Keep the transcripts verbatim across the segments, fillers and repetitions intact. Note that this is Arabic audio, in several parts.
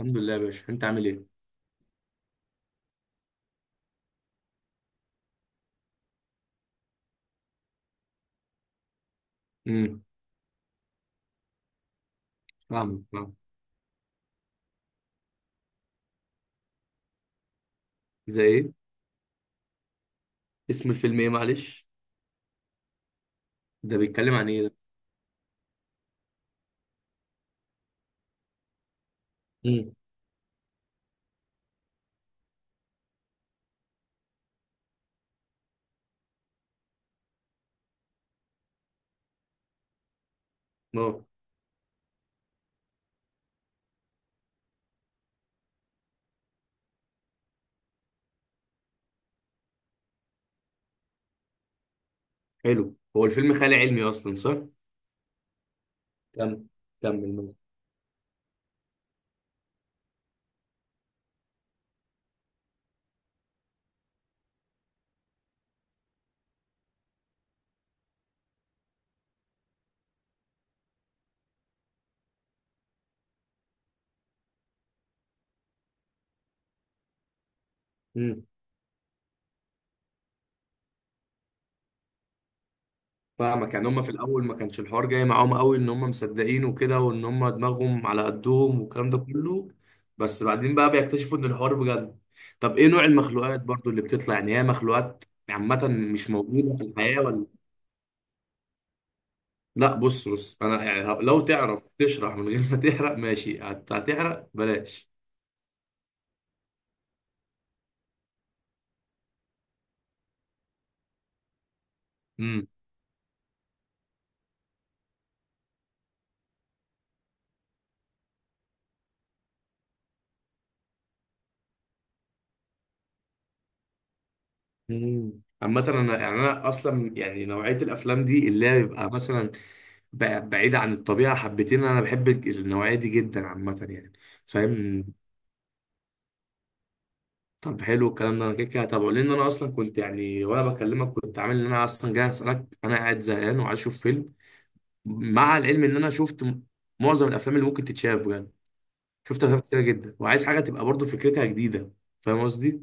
الحمد لله يا باشا، انت عامل ايه؟ امم فاهم فاهم. زي ايه؟ اسم الفيلم ايه، معلش؟ ده بيتكلم عن ايه ده؟ امم اه. حلو، هو الفيلم خيال علمي اصلا، صح؟ كمل. كمل ماشي. امم فاهمك، يعني هم في الاول ما كانش الحوار جاي معاهم قوي ان هم مصدقين وكده، وان هم دماغهم على قدهم والكلام ده كله. بس بعدين بقى بيكتشفوا ان الحوار بجد. طب ايه نوع المخلوقات برضو اللي بتطلع، يعني هي مخلوقات عامة مش موجودة في الحياة؟ لا، بص بص، انا يعني ه- لو تعرف تشرح من غير ما تحرق ماشي، هت- هتحرق بلاش. امم مم. عامة انا يعني انا اصلا يعني نوعية الافلام دي اللي هي بيبقى مثلا بع- بعيدة عن الطبيعة حبتين، انا بحب الج- النوعية دي جدا عامة يعني، فاهم. طب حلو الكلام ده، انا كده كده هتابعه، لان انا اصلا كنت يعني وانا بكلمك كنت عامل ان انا اصلا جاي اسالك، انا قاعد زهقان وعايز اشوف فيلم. مع العلم ان انا شفت م- معظم الافلام اللي ممكن تتشاف بجد، شفت افلام كتيره جدا، وعايز حاجه تبقى برضو فكرتها جديده، فاهم قصدي.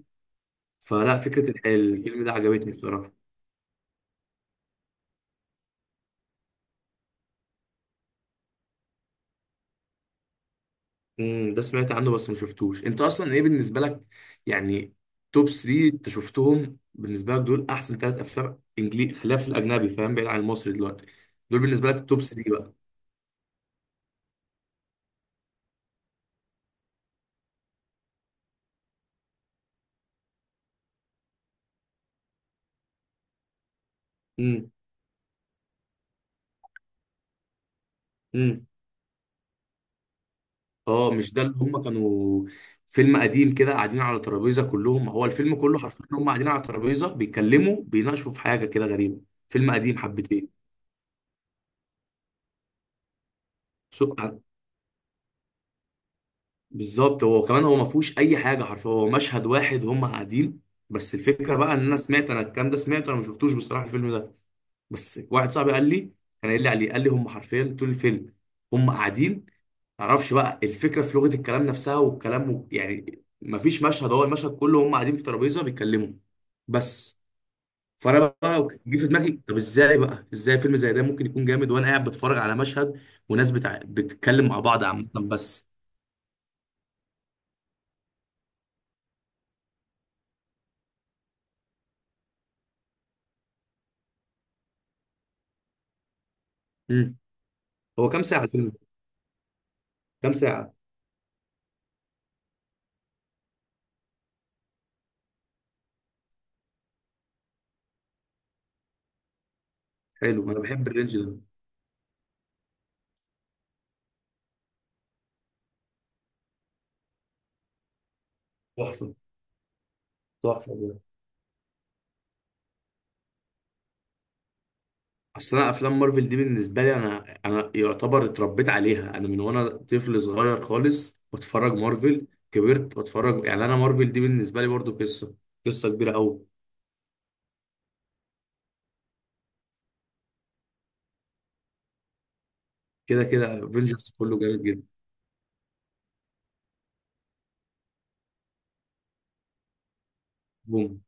فلا، فكره الح- الفيلم ده عجبتني بصراحه. امم ده سمعت عنه بس ما شفتوش. انت اصلا ايه بالنسبه لك يعني؟ توب ثلاثة انت شفتهم بالنسبه لك، دول احسن ثلاث افلام انجليزي خلاف في الاجنبي فاهم، بعيد عن المصري دلوقتي، دول بالنسبه لك التوب ثلاثة بقى؟ امم امم اه. مش ده اللي هم كانوا، فيلم قديم كده قاعدين على ترابيزه كلهم، هو الفيلم كله حرفيا هم قاعدين على ترابيزه بيتكلموا بيناقشوا في حاجه كده غريبه، فيلم قديم حبتين؟ شو. بالظبط، هو كمان هو ما فيهوش اي حاجه، حرفيا هو مشهد واحد وهم قاعدين. بس الفكره بقى ان انا سمعت، انا الكلام ده سمعته، انا ما شفتوش بصراحه الفيلم ده، بس واحد صاحبي قال لي، كان قايل لي عليه، قال لي هم حرفيا طول الفيلم هم قاعدين. معرفش بقى الفكره في لغه الكلام نفسها والكلام و- يعني ما فيش مشهد، هو المشهد كله هم قاعدين في ترابيزه بيتكلموا بس. فانا بقى جه في دماغي طب ازاي بقى، ازاي فيلم زي ده ممكن يكون جامد وانا قاعد بتفرج على مشهد وناس بتع... بتتكلم مع بعض عامه بس. مم. هو كام ساعه الفيلم؟ كام ساعة؟ حلو، أنا بحب الرينج ده. تحفة. تحفة بجد. أصل أنا أفلام مارفل دي بالنسبة لي، أنا أنا يعتبر اتربيت عليها، أنا من وأنا طفل صغير خالص بتفرج مارفل، كبرت بتفرج، يعني أنا مارفل دي بالنسبة لي برضو قصة، قصة كبيرة أوي. كده كده افنجرز كله جامد جدا. بوم.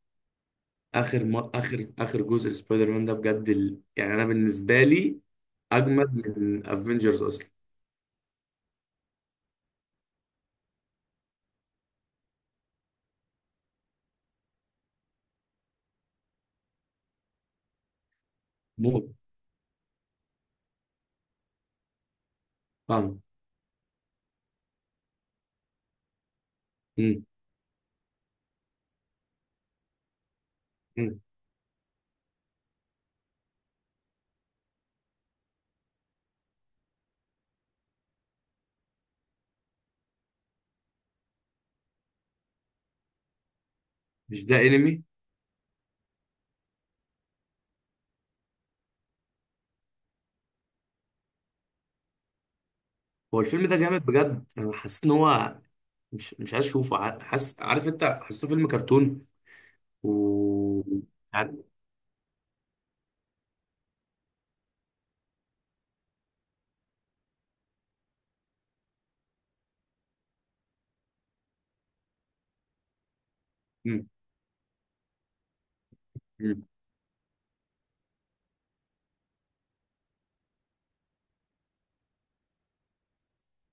آخر ما... آخر آخر جزء سبايدر مان ده بجد ال... يعني أنا بالنسبة لي أجمد من افنجرز أصلا. موت. فاهم. مم. مم. مش ده انمي؟ هو الفيلم ده جامد بجد، انا حسيت ان هو مش مش عايز اشوفه، ع- حاسس، عارف انت حسيته فيلم كرتون. و... عارف- مم. مم.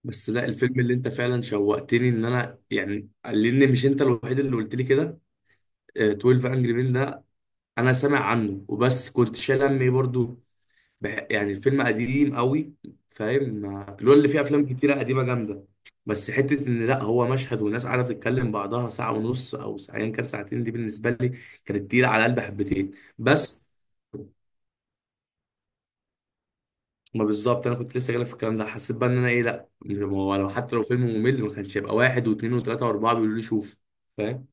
بس لا، الفيلم اللي انت فعلا شوقتني ان انا يعني، لان مش انت الوحيد اللي قلت لي كده، آه، اثنا عشر انجري مان ده، انا سامع عنه وبس، كنت شايل همي برضو. بح- يعني الفيلم قديم قوي، فاهم ما- اللي هو اللي فيه افلام كتيره قديمه جامده. بس حته ان لا هو مشهد والناس قاعده بتتكلم بعضها ساعه ونص او ساعتين، كان ساعتين دي بالنسبه لي كانت تقيله على قلبي حبتين. بس. ما بالظبط انا كنت لسه جايلك في الكلام ده، حسيت بقى ان انا ايه، لا ما هو لو حتى لو فيلم ممل ما كانش هيبقى واحد واثنين وثلاثه واربعه بيقولوا لي شوف، فاهم.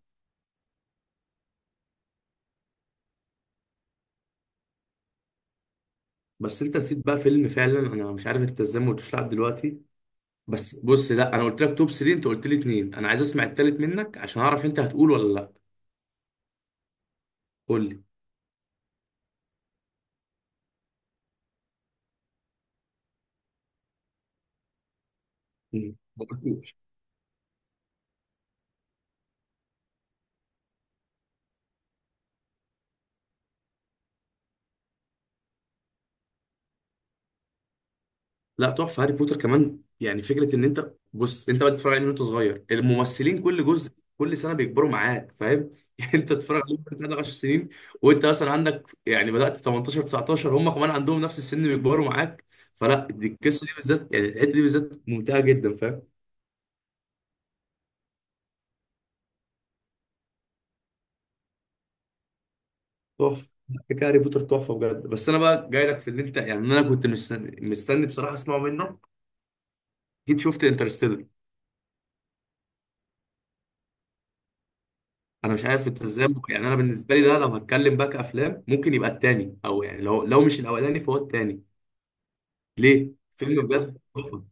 بس انت نسيت بقى فيلم، فعلا انا مش عارف انت ازاي ما قلتوش لحد دلوقتي. بس بص، لا انا قلت لك توب ثلاثة، انت قلت لي اثنين، انا عايز اسمع التالت منك عشان اعرف انت هتقول ولا لا. قول لي. مم. ما قلتوش. لا تحفه، هاري بوتر كمان، يعني فكره ان انت بص، انت بقى بتتفرج عليه من وانت صغير، الممثلين كل جزء، كل سنه بيكبروا معاك، فاهم. يعني انت تتفرج عليهم وانت عندك عشر سنين، وانت مثلا عندك يعني بدات تمنتاشر تسعتاشر هم كمان عندهم نفس السن، بيكبروا معاك. فلا دي القصه دي بالذات، يعني الحته دي بالذات ممتعه جدا، فاهم. تحفه. فكره هاري بوتر تحفه بجد. بس انا بقى جاي لك في اللي انت يعني، انا كنت مستني مستني بصراحه اسمعه منه، جيت شفت انترستيلر. انا مش عارف انت ازاي ممكن- يعني انا بالنسبه لي ده، لو هتكلم بقى كافلام ممكن يبقى التاني، او يعني لو لو مش الاولاني فهو التاني. ليه؟ فيلم بجد تحفه.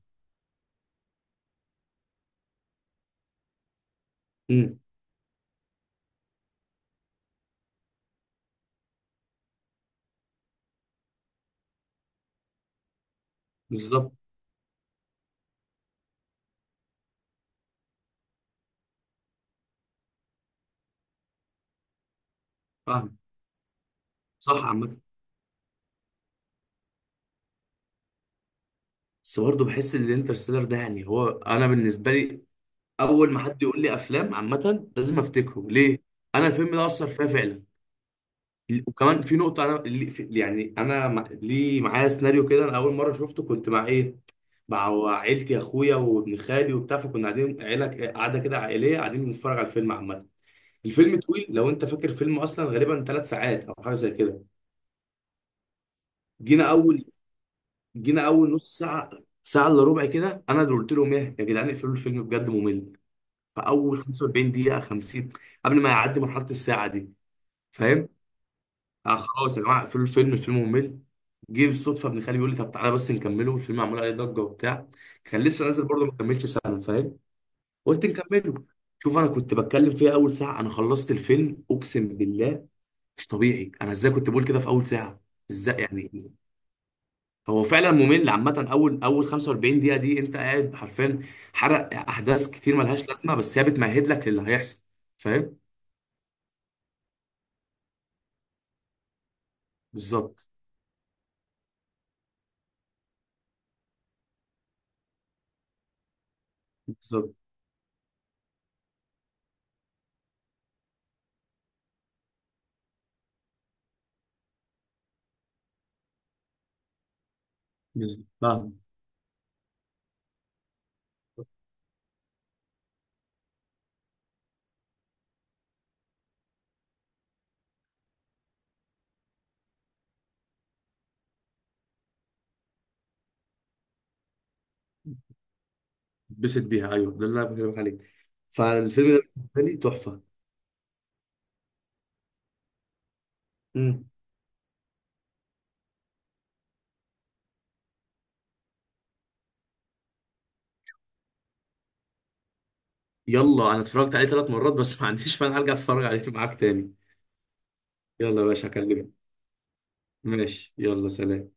امم. بالظبط فاهم. صح عامه. بس برضه بحس ان الانترستيلر ده، يعني هو انا بالنسبه لي اول ما حد يقول لي افلام عامه لازم افتكره. ليه؟ انا الفيلم ده اثر فيا فعلا، وكمان في نقطه، انا اللي- في- يعني انا مع- ليه معايا سيناريو كده، انا اول مره شفته كنت مع ايه، مع عيلتي، اخويا وابن خالي وبتاع، فكنا قاعدين عيله قاعده كده عائليه قاعدين بنتفرج على الفيلم عامه. الفيلم طويل لو انت فاكر، فيلم اصلا غالبا ثلاث ساعات او حاجه زي كده. جينا اول جينا اول نص ساعه، ساعه الا ربع كده، انا اللي قلت لهم ايه يا جدعان اقفلوا الفيلم بجد ممل، فاول خمسة واربعين دقيقه، خمسين، قبل ما يعدي مرحله الساعه دي، فاهم. آه خلاص يا جماعه اقفلوا الفيلم، الفيلم ممل. جه بالصدفه ابن خالي بيقول لي طب تعالى بس نكمله، الفيلم معمول عليه ضجه وبتاع، كان لسه نازل برضه ما كملش سنه، فاهم. قلت نكمله. شوف، انا كنت بتكلم فيها اول ساعه، انا خلصت الفيلم اقسم بالله مش طبيعي انا ازاي كنت بقول كده في اول ساعه، ازاي يعني. هو فعلا ممل عامه اول اول خمسة واربعين دقيقه دي انت قاعد حرفيا، حرق احداث كتير ملهاش لازمه بس هي بتمهد لك للي هيحصل، فاهم. بالظبط. بالظبط. بالظبط فاهم. بسط بيها ايوه، ده اللي انا بكلمك عليه، فالفيلم ده بالنسبه لي تحفه. مم. يلا، انا اتفرجت عليه ثلاث مرات بس، ما عنديش فن هرجع اتفرج عليه معاك تاني. يلا يا باشا اكلمك. ماشي، يلا سلام.